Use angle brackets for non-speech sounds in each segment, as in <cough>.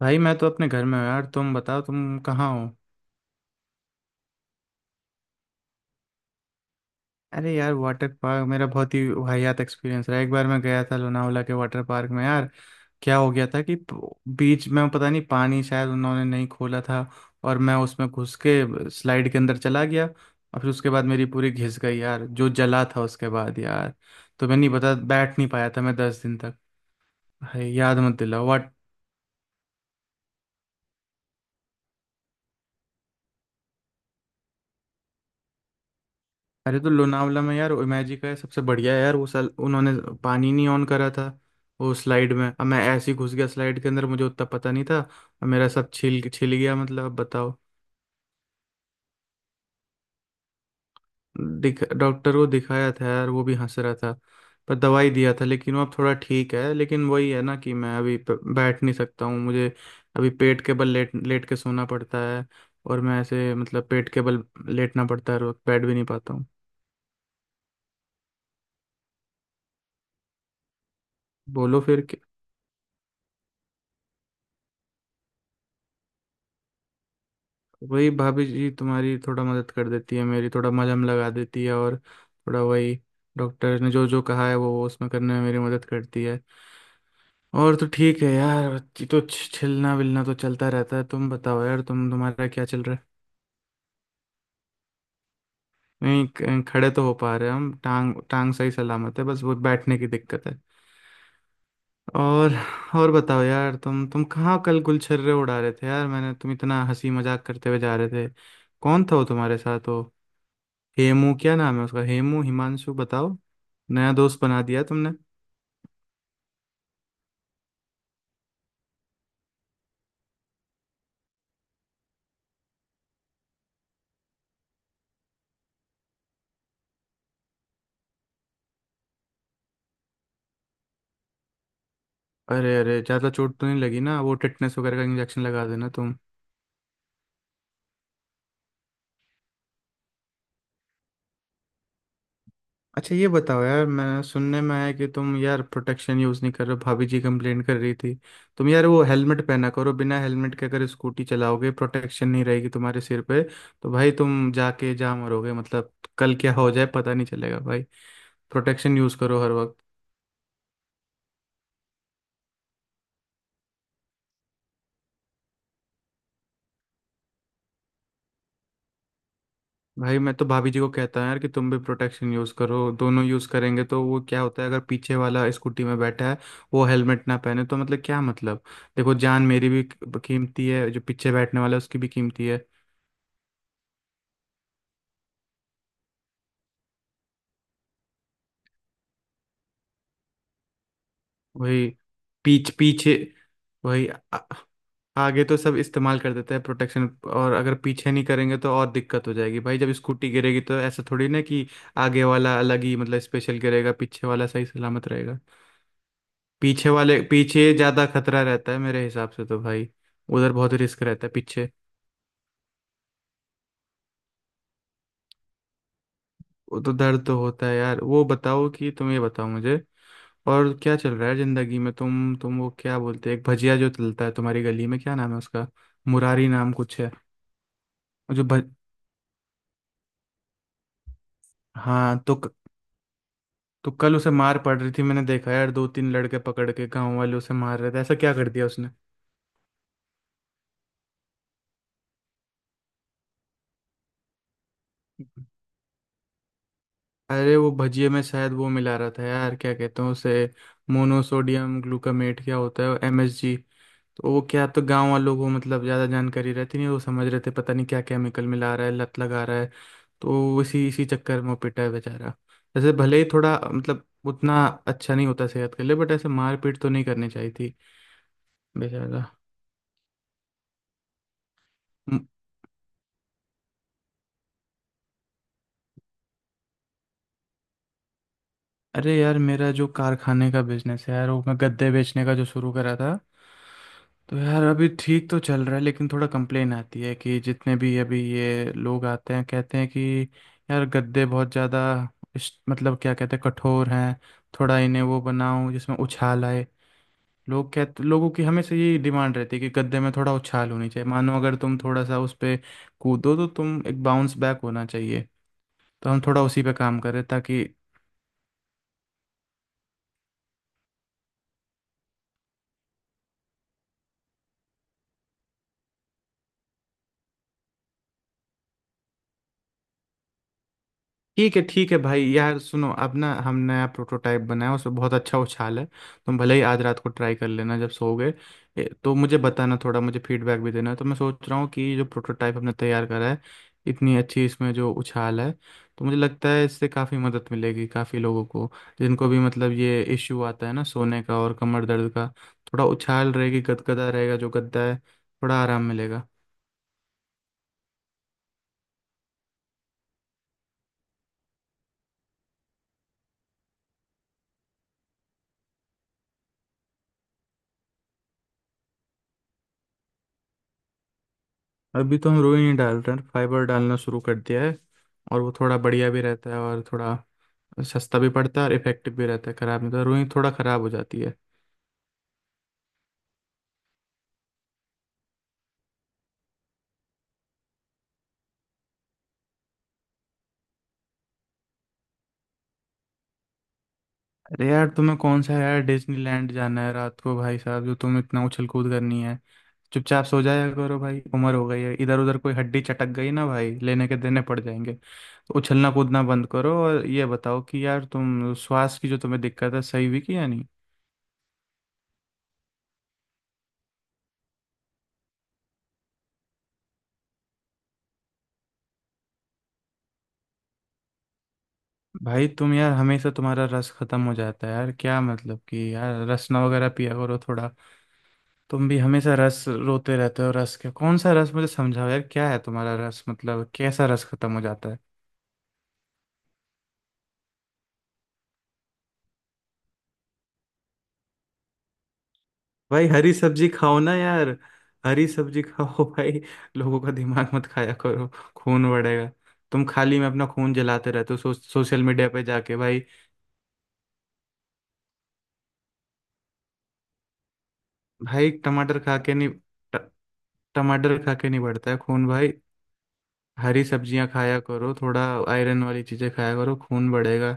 भाई, मैं तो अपने घर में हूँ यार। तुम बताओ तुम कहाँ हो? अरे यार, वाटर पार्क मेरा बहुत ही वाहियात एक्सपीरियंस रहा। एक बार मैं गया था लोनावला के वाटर पार्क में यार। क्या हो गया था कि बीच में पता नहीं पानी शायद उन्होंने नहीं खोला था। और मैं उसमें घुस के स्लाइड के अंदर चला गया और फिर उसके बाद मेरी पूरी घिस गई यार, जो जला था उसके बाद यार। तो मैं नहीं बता बैठ नहीं पाया था, मैं 10 दिन तक। भाई, याद मत दिलाओ। अरे, तो लोनावला में यार इमेजिका है, सबसे बढ़िया है यार। वो सल उन्होंने पानी नहीं ऑन करा था। वो स्लाइड में अब मैं ऐसे ही घुस गया स्लाइड के अंदर, मुझे उतना पता नहीं था और मेरा सब छिल छिल गया, मतलब अब बताओ। दिख डॉक्टर को दिखाया था यार, वो भी हंस रहा था। पर दवाई दिया था लेकिन वो अब थोड़ा ठीक है, लेकिन वही है ना कि मैं अभी बैठ नहीं सकता हूँ, मुझे अभी पेट के बल लेट लेट के सोना पड़ता है। और मैं ऐसे मतलब पेट के बल लेटना पड़ता है और बैठ भी नहीं पाता हूँ। बोलो फिर। वही भाभी जी तुम्हारी थोड़ा मदद कर देती है, मेरी थोड़ा मलहम लगा देती है और थोड़ा वही डॉक्टर ने जो जो कहा है वो उसमें करने में मेरी मदद करती है। और तो ठीक है यार। ये तो छिलना विलना तो चलता रहता है। तुम बताओ यार, तुम तुम्हारा क्या चल रहा है? नहीं, खड़े तो हो पा रहे हैं हम, टांग टांग सही सलामत है, बस वो बैठने की दिक्कत है। और और बताओ यार, तुम कहाँ कल गुलछर्रे उड़ा रहे थे यार? मैंने तुम इतना हंसी मजाक करते हुए जा रहे थे। कौन था वो तुम्हारे साथ हो? हेमू, क्या नाम है उसका? हेमू, हिमांशु, बताओ। नया दोस्त बना दिया तुमने। अरे अरे, ज़्यादा चोट तो नहीं लगी ना? वो टिटनेस वगैरह का इंजेक्शन लगा देना तुम। अच्छा ये बताओ यार, मैं सुनने में आया कि तुम यार प्रोटेक्शन यूज़ नहीं कर रहे हो, भाभी जी कंप्लेन कर रही थी। तुम यार वो हेलमेट पहना करो। बिना हेलमेट के अगर स्कूटी चलाओगे प्रोटेक्शन नहीं रहेगी तुम्हारे सिर पे। तो भाई तुम जाके जा मरोगे मतलब। कल क्या हो जाए पता नहीं चलेगा भाई। प्रोटेक्शन यूज़ करो हर वक्त। भाई, मैं तो भाभी जी को कहता हूँ यार कि तुम भी प्रोटेक्शन यूज़ करो। दोनों यूज़ करेंगे तो वो क्या होता है, अगर पीछे वाला स्कूटी में बैठा है वो हेलमेट ना पहने तो मतलब क्या मतलब। देखो, जान मेरी भी कीमती है, जो पीछे बैठने वाला है उसकी भी कीमती है। वही, पीछे वही आगे तो सब इस्तेमाल कर देते हैं प्रोटेक्शन। और अगर पीछे नहीं करेंगे तो और दिक्कत हो जाएगी भाई। जब स्कूटी गिरेगी तो ऐसा थोड़ी ना कि आगे वाला अलग ही मतलब स्पेशल गिरेगा, पीछे वाला सही सलामत रहेगा। पीछे वाले, पीछे ज्यादा खतरा रहता है मेरे हिसाब से तो भाई। उधर बहुत रिस्क रहता है पीछे। वो तो दर्द तो होता है यार। वो बताओ कि तुम, ये बताओ मुझे, और क्या चल रहा है जिंदगी में? तुम वो क्या बोलते हैं, एक भजिया जो चलता है तुम्हारी गली में, क्या नाम है उसका? मुरारी नाम कुछ है। जो भज हाँ, तो तो कल उसे मार पड़ रही थी, मैंने देखा यार दो तीन लड़के पकड़ के गांव वाले उसे मार रहे थे। ऐसा क्या कर दिया उसने? अरे, वो भजिए में शायद वो मिला रहा था यार, क्या कहते हैं उसे, मोनोसोडियम ग्लूकामेट क्या होता है, एमएसजी। तो वो क्या, तो गांव वालों को मतलब ज़्यादा जानकारी रहती नहीं, वो समझ रहे थे पता नहीं क्या केमिकल मिला रहा है, लत लगा रहा है। तो इसी इसी चक्कर में वो पिटा है बेचारा। जैसे भले ही थोड़ा मतलब उतना अच्छा नहीं होता सेहत के लिए, बट ऐसे मारपीट तो नहीं करनी चाहिए थी। बेचारा। अरे यार, मेरा जो कारखाने का बिजनेस है यार, वो मैं गद्दे बेचने का जो शुरू करा था, तो यार अभी ठीक तो चल रहा है लेकिन थोड़ा कंप्लेन आती है कि जितने भी अभी ये लोग आते हैं कहते हैं कि यार गद्दे बहुत ज़्यादा मतलब क्या कहते हैं, कठोर हैं। थोड़ा इन्हें वो बनाऊं जिसमें उछाल आए। लोग कहते, लोगों की हमेशा यही डिमांड रहती है कि गद्दे में थोड़ा उछाल होनी चाहिए, मानो अगर तुम थोड़ा सा उस पे कूदो तो तुम एक बाउंस बैक होना चाहिए। तो हम थोड़ा उसी पे काम करें ताकि ठीक है, ठीक है भाई यार। सुनो, अब ना हम नया प्रोटोटाइप बनाया, उसमें बहुत अच्छा उछाल है। तुम भले ही आज रात को ट्राई कर लेना जब सोओगे। ए, तो मुझे बताना थोड़ा, मुझे फीडबैक भी देना। तो मैं सोच रहा हूँ कि जो प्रोटोटाइप हमने तैयार करा है, इतनी अच्छी इसमें जो उछाल है, तो मुझे लगता है इससे काफ़ी मदद मिलेगी काफ़ी लोगों को। जिनको भी मतलब ये इश्यू आता है ना, सोने का और कमर दर्द का, थोड़ा उछाल रहेगी, गदगदा रहेगा जो गद्दा है, थोड़ा आराम मिलेगा। अभी तो हम रुई नहीं डाल रहे हैं, फाइबर डालना शुरू कर दिया है। और वो थोड़ा बढ़िया भी रहता है और थोड़ा सस्ता भी पड़ता है और इफेक्टिव भी रहता है, खराब नहीं, तो रुई थोड़ा खराब हो जाती है। अरे यार, तुम्हें कौन सा यार डिज्नीलैंड जाना है रात को भाई साहब, जो तुम इतना उछल कूद करनी है? चुपचाप सो जाया करो भाई, उम्र हो गई है। इधर उधर कोई हड्डी चटक गई ना भाई, लेने के देने पड़ जाएंगे। तो उछलना कूदना बंद करो। और ये बताओ कि यार तुम श्वास की जो तुम्हें दिक्कत है सही हुई कि या नहीं? भाई तुम यार हमेशा तुम्हारा रस खत्म हो जाता है यार, क्या मतलब कि यार रसना वगैरह पिया करो थोड़ा। तुम भी हमेशा रस रोते रहते हो। रस क्या, कौन सा रस मुझे समझाओ यार, क्या है तुम्हारा रस मतलब कैसा रस खत्म हो जाता है? भाई हरी सब्जी खाओ ना यार। हरी सब्जी खाओ <laughs> भाई। लोगों का दिमाग मत खाया करो। खून बढ़ेगा। तुम खाली में अपना खून जलाते रहते हो सोशल मीडिया पे जाके भाई। भाई टमाटर खा के नहीं, ट- टमाटर खा के नहीं बढ़ता है खून भाई। हरी सब्जियां खाया करो थोड़ा। आयरन वाली चीजें खाया करो, खून बढ़ेगा।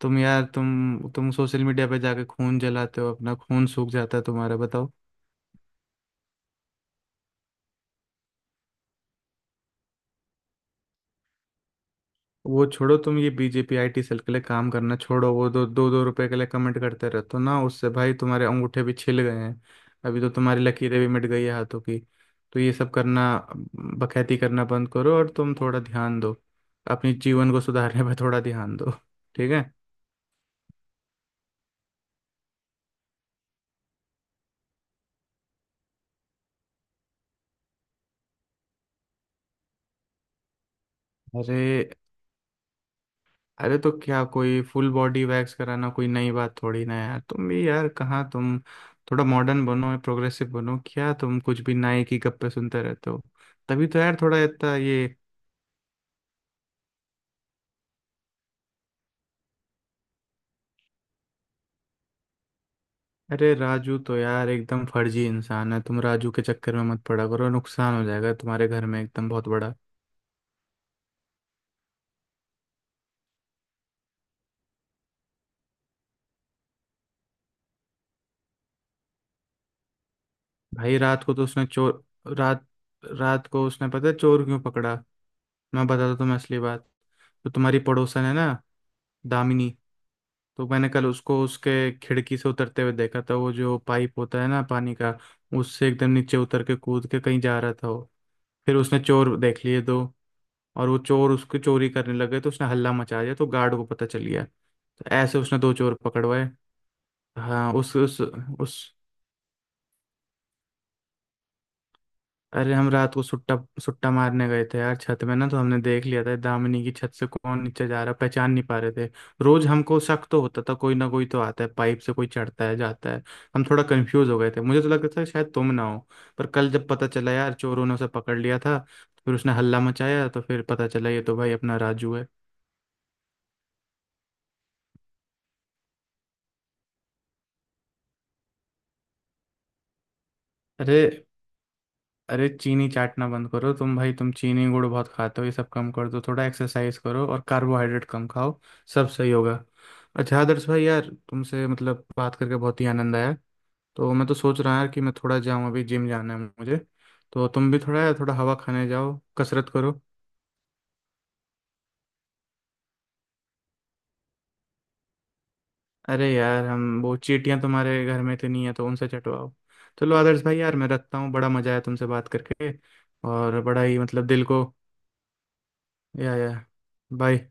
तुम यार तुम सोशल मीडिया पे जाके खून जलाते हो, अपना खून सूख जाता है तुम्हारा बताओ। वो छोड़ो तुम, ये बीजेपी आईटी सेल के लिए काम करना छोड़ो। वो दो दो दो रुपए के लिए कमेंट करते रहते हो ना उससे भाई तुम्हारे अंगूठे भी छिल गए हैं। अभी तो तुम्हारी लकीरें भी मिट गई है हाथों की। तो ये सब करना, बखैती करना बंद करो और तुम थोड़ा ध्यान दो। अपने जीवन को सुधारने पर थोड़ा ध्यान दो, ठीक है? अरे, अरे तो क्या, कोई फुल बॉडी वैक्स कराना कोई नई बात थोड़ी ना है यार। तुम भी यार, कहाँ तुम। थोड़ा मॉडर्न बनो, प्रोग्रेसिव बनो। क्या तुम कुछ भी नाई की गप्पे सुनते रहते हो? तभी तो यार थोड़ा इतना ये। अरे राजू तो यार एकदम फर्जी इंसान है, तुम राजू के चक्कर में मत पड़ा करो, नुकसान हो जाएगा तुम्हारे घर में एकदम बहुत बड़ा। भाई, रात को तो उसने चोर, रात रात को उसने, पता है चोर क्यों पकड़ा? मैं बताता तुम्हें असली बात। तो तुम्हारी पड़ोसन है ना, दामिनी। तो मैंने कल उसको उसके खिड़की से उतरते हुए देखा था, वो जो पाइप होता है ना पानी का, उससे एकदम नीचे उतर के कूद के कहीं जा रहा था वो। फिर उसने चोर देख लिए दो, और वो चोर उसकी चोरी करने लगे तो उसने हल्ला मचा दिया, तो गार्ड को पता चल गया, तो ऐसे उसने दो चोर पकड़वाए। हाँ, उस अरे, हम रात को सुट्टा सुट्टा मारने गए थे यार छत में ना, तो हमने देख लिया था दामिनी की छत से कौन नीचे जा रहा, पहचान नहीं पा रहे थे। रोज हमको शक तो होता था, कोई ना कोई तो आता है पाइप से, कोई चढ़ता है जाता है। हम थोड़ा कंफ्यूज हो गए थे, मुझे तो लगता था शायद तुम ना हो। पर कल जब पता चला यार चोरों ने उसे पकड़ लिया था, फिर उसने हल्ला मचाया तो फिर पता चला ये तो भाई अपना राजू है। अरे, अरे चीनी चाटना बंद करो तुम भाई। तुम चीनी गुड़ बहुत खाते हो, ये सब कम कर दो। थोड़ा एक्सरसाइज करो और कार्बोहाइड्रेट कम खाओ। सब सही होगा। अच्छा आदर्श भाई, यार तुमसे मतलब बात करके बहुत ही आनंद आया। तो मैं तो सोच रहा यार कि मैं थोड़ा जाऊँ, अभी जिम जाना है मुझे। तो तुम भी थोड़ा यार, थोड़ा हवा खाने जाओ, कसरत करो। अरे यार, हम वो चींटियां तुम्हारे घर में इतनी है तो उनसे चटवाओ। चलो आदर्श भाई, यार मैं रखता हूँ। बड़ा मजा आया तुमसे बात करके, और बड़ा ही मतलब दिल को। या, या। बाय।